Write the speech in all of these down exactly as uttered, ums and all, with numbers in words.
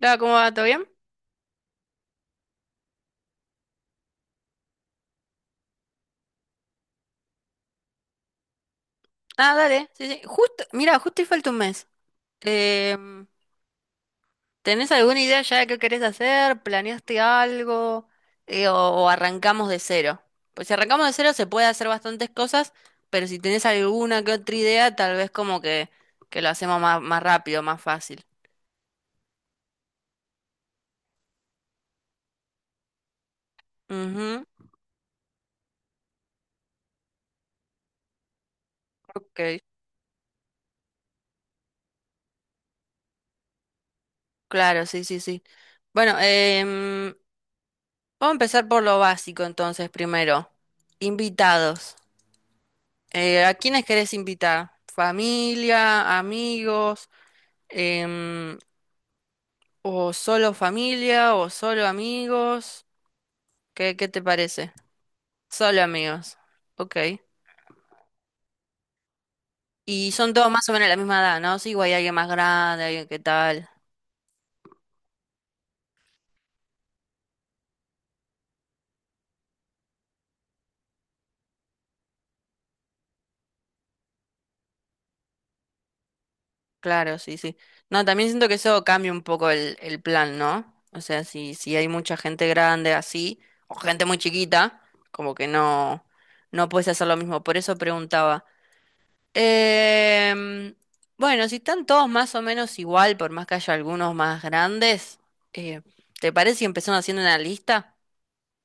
Hola, ¿cómo va? ¿Todo bien? Ah, dale. Sí, sí. Justo, mira, justo y falta un mes. Em, ¿tenés alguna idea ya de qué querés hacer? ¿Planeaste algo? Eh, o, o arrancamos de cero? Pues si arrancamos de cero se puede hacer bastantes cosas, pero si tenés alguna que otra idea, tal vez como que, que lo hacemos más, más rápido, más fácil. Ujú, ok. Claro, sí, sí, sí. Bueno, em, vamos a empezar por lo básico entonces primero. Invitados. Eh, ¿a quiénes querés invitar? ¿Familia, amigos, Em, o solo familia, o solo amigos? ¿Qué, qué te parece? Solo amigos. Ok. Y son todos más o menos de la misma edad, ¿no? Sí, o hay alguien más grande, alguien que tal. Claro, sí, sí. No, también siento que eso cambia un poco el, el plan, ¿no? O sea, si, si hay mucha gente grande así, o gente muy chiquita, como que no, no puedes hacer lo mismo. Por eso preguntaba. Em, bueno, si están todos más o menos igual, por más que haya algunos más grandes, eh, ¿te parece si empezamos haciendo una lista?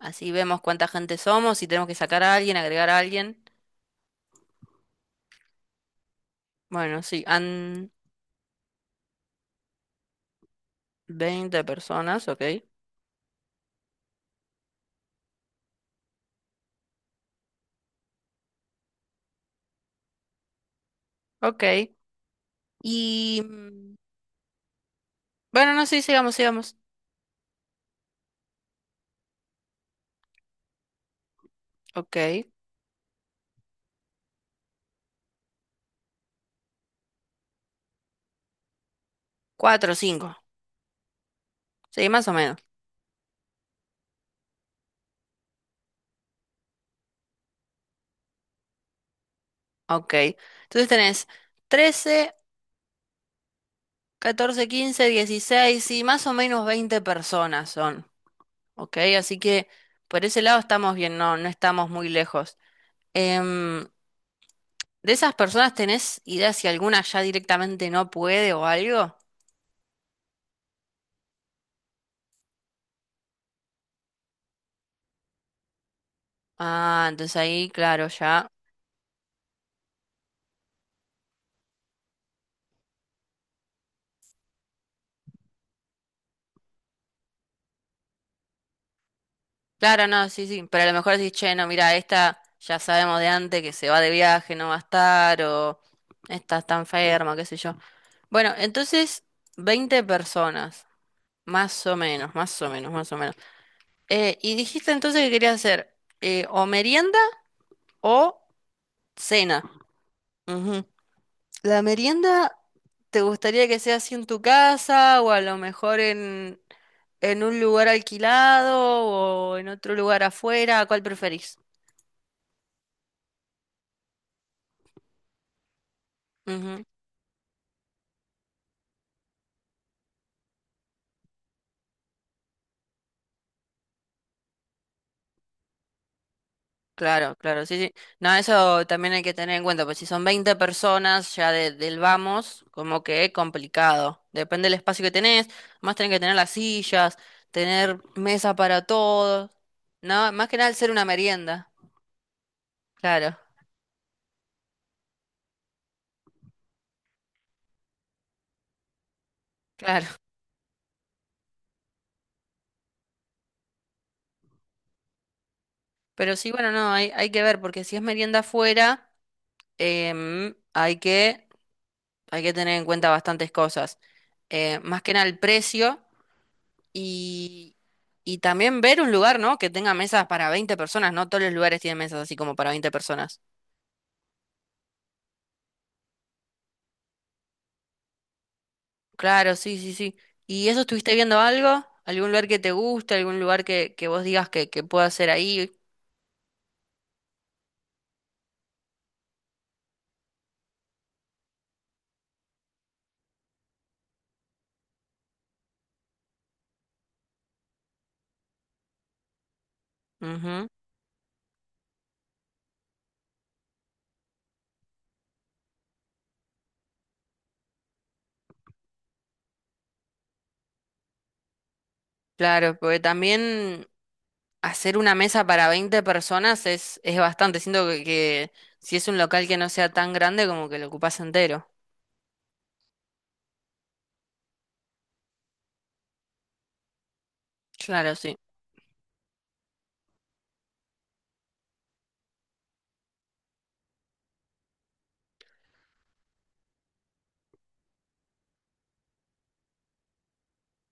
Así vemos cuánta gente somos, si tenemos que sacar a alguien, agregar a alguien. Bueno, sí, han veinte personas, ok. Ok. Y mm, bueno, no sé, sigamos, sigamos. Ok. Cuatro, o cinco. Sí, más o menos. Ok. Entonces tenés trece, catorce, quince, dieciséis sí, más o menos veinte personas son. Ok, así que por ese lado estamos bien, no, no estamos muy lejos. Em, ¿de esas personas tenés idea si alguna ya directamente no puede o algo? Ah, entonces ahí, claro, ya. Claro, no, sí, sí, pero a lo mejor decís, che, no, mira, esta ya sabemos de antes que se va de viaje, no va a estar, o esta está enferma, qué sé yo. Bueno, entonces, veinte personas, más o menos, más o menos, más o menos. Eh, y dijiste entonces que querías hacer eh, o merienda o cena. Ujú. ¿La merienda te gustaría que sea así en tu casa o a lo mejor en, en un lugar alquilado o en otro lugar afuera? ¿Cuál preferís? Ujú. Claro, claro, sí, sí. No, eso también hay que tener en cuenta, pues si son veinte personas ya de- del vamos, como que es complicado. Depende del espacio que tenés, más tenés que tener las sillas, tener mesa para todos, ¿no? Más que nada al ser una merienda. Claro, claro. Pero sí, bueno, no, hay, hay que ver, porque si es merienda afuera, em, hay que, hay que tener en cuenta bastantes cosas. Eh, más que nada el precio y, y también ver un lugar, ¿no? Que tenga mesas para veinte personas, no todos los lugares tienen mesas así como para veinte personas. Claro, sí, sí, sí. ¿Y eso estuviste viendo algo? ¿Algún lugar que te guste? ¿Algún lugar que, que vos digas que, que pueda hacer ahí? Ujú. Claro, porque también hacer una mesa para veinte personas es, es bastante. Siento que, que si es un local que no sea tan grande, como que lo ocupas entero. Claro, sí,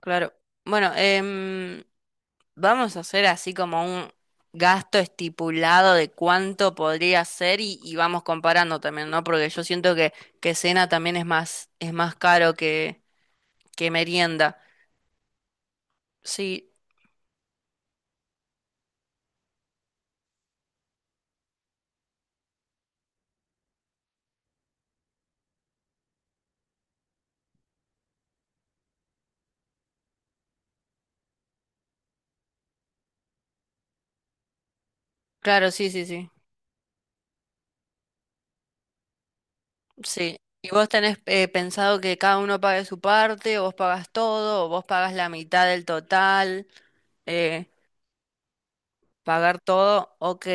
claro. Bueno, em, vamos a hacer así como un gasto estipulado de cuánto podría ser y, y vamos comparando también, ¿no? Porque yo siento que, que cena también es más, es más caro que, que merienda. Sí, claro, sí, sí, sí. Sí. ¿Y vos tenés eh, pensado que cada uno pague su parte, o vos pagas todo, o vos pagas la mitad del total, eh, pagar todo? Ok.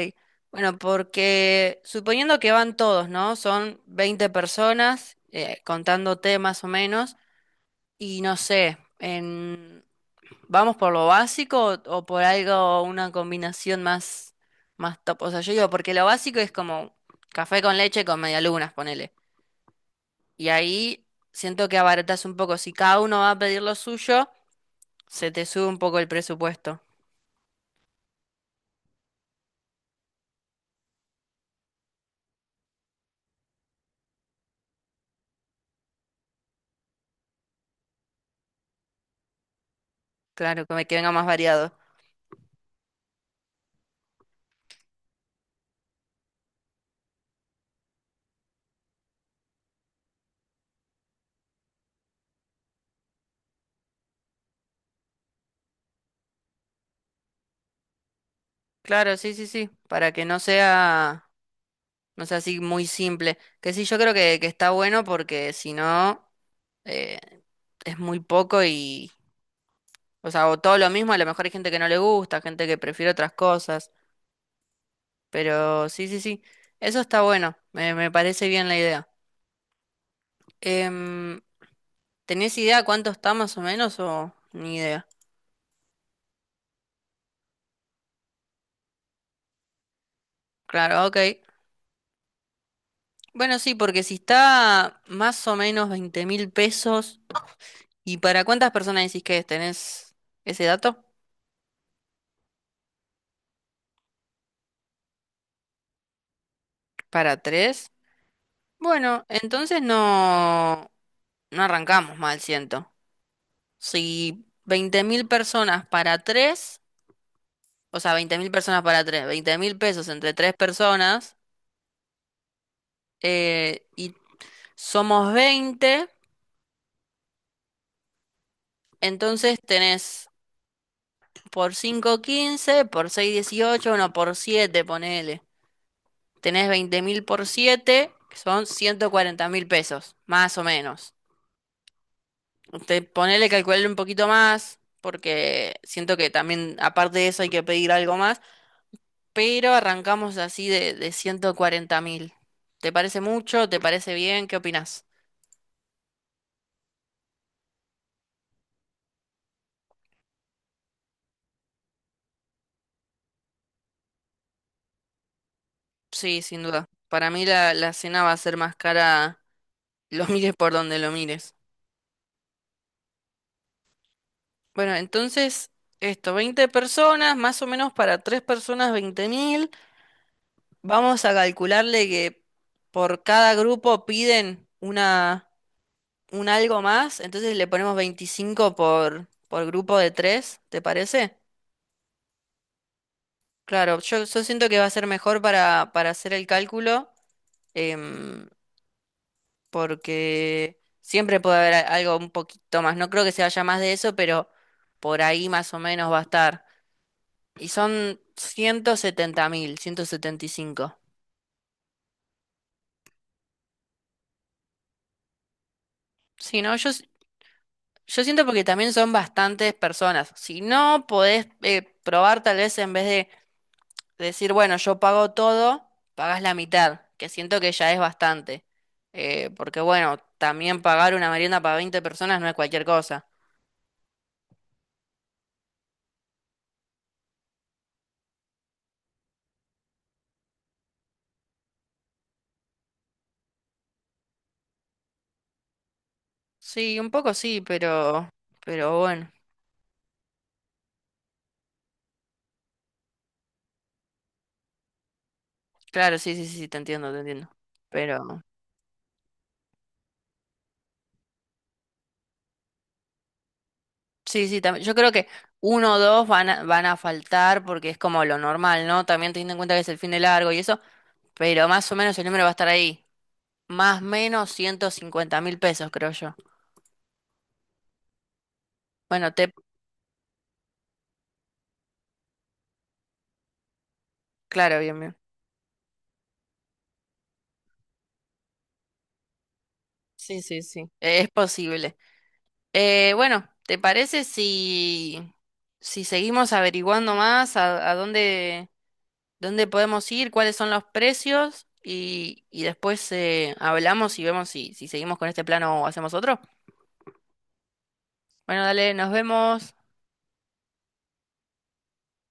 Bueno, porque suponiendo que van todos, ¿no? Son veinte personas, eh, contándote más o menos, y no sé, en... ¿vamos por lo básico o, o por algo, una combinación más, más top? O sea, yo digo, porque lo básico es como café con leche con medialunas, ponele. Y ahí siento que abaratas un poco. Si cada uno va a pedir lo suyo, se te sube un poco el presupuesto. Claro, que me- que venga más variado. Claro, sí, sí, sí. Para que no sea, no sea así muy simple. Que sí, yo creo que, que está bueno porque si no, eh, es muy poco y, o sea, o todo lo mismo, a lo mejor hay gente que no le gusta, gente que prefiere otras cosas. Pero sí, sí, sí. Eso está bueno. Me, me parece bien la idea. Em, ¿tenés idea cuánto está más o menos o ni idea? Claro, ok. Bueno, sí, porque si está más o menos veinte mil pesos, ¿y para cuántas personas decís que es? ¿Tenés ese dato? ¿Para tres? Bueno, entonces no, no arrancamos mal, siento. Si veinte mil personas para tres, o sea, veinte mil personas para tres, veinte mil pesos entre tres personas, eh, y somos veinte, entonces tenés por cinco quince, por seis dieciocho, no, por siete ponele. Tenés veinte mil por siete, que son ciento cuarenta mil pesos, más o menos. Usted ponele, calcularle un poquito más, porque siento que también, aparte de eso, hay que pedir algo más, pero arrancamos así de, de ciento cuarenta mil. ¿Te parece mucho? ¿Te parece bien? ¿Qué opinás? Sí, sin duda. Para mí la, la cena va a ser más cara, lo mires por donde lo mires. Bueno, entonces, esto, veinte personas, más o menos para tres personas, veinte mil. Vamos a calcularle que por cada grupo piden una, un algo más, entonces le ponemos veinticinco por, por grupo de tres, ¿te parece? Claro, yo, yo siento que va a ser mejor para, para hacer el cálculo, em, porque siempre puede haber a- algo un poquito más. No creo que se vaya más de eso, pero por ahí más o menos va a estar. Y son ciento ciento setenta setenta mil, ciento setenta y cinco. Sí, no, yo, Yo siento porque también son bastantes personas. Si no podés eh, probar, tal vez en vez de decir, bueno, yo pago todo, pagás la mitad, que siento que ya es bastante. Eh, porque bueno, también pagar una merienda para veinte personas no es cualquier cosa. Sí, un poco sí, pero, pero bueno, claro, sí, sí, sí, te entiendo, te entiendo. Pero sí, sí, también, yo creo que uno o dos van a, van a faltar porque es como lo normal, ¿no? También teniendo en cuenta que es el fin de largo y eso, pero más o menos el número va a estar ahí. Más o menos ciento cincuenta mil pesos, creo yo. Bueno, te... Claro, bien, bien. Sí, sí, sí. Eh, es posible. Eh, bueno, ¿te parece si, si seguimos averiguando más a, a dónde, dónde podemos ir, cuáles son los precios y, y después eh, hablamos y vemos si, si seguimos con este plan o hacemos otro? Bueno, dale, nos vemos.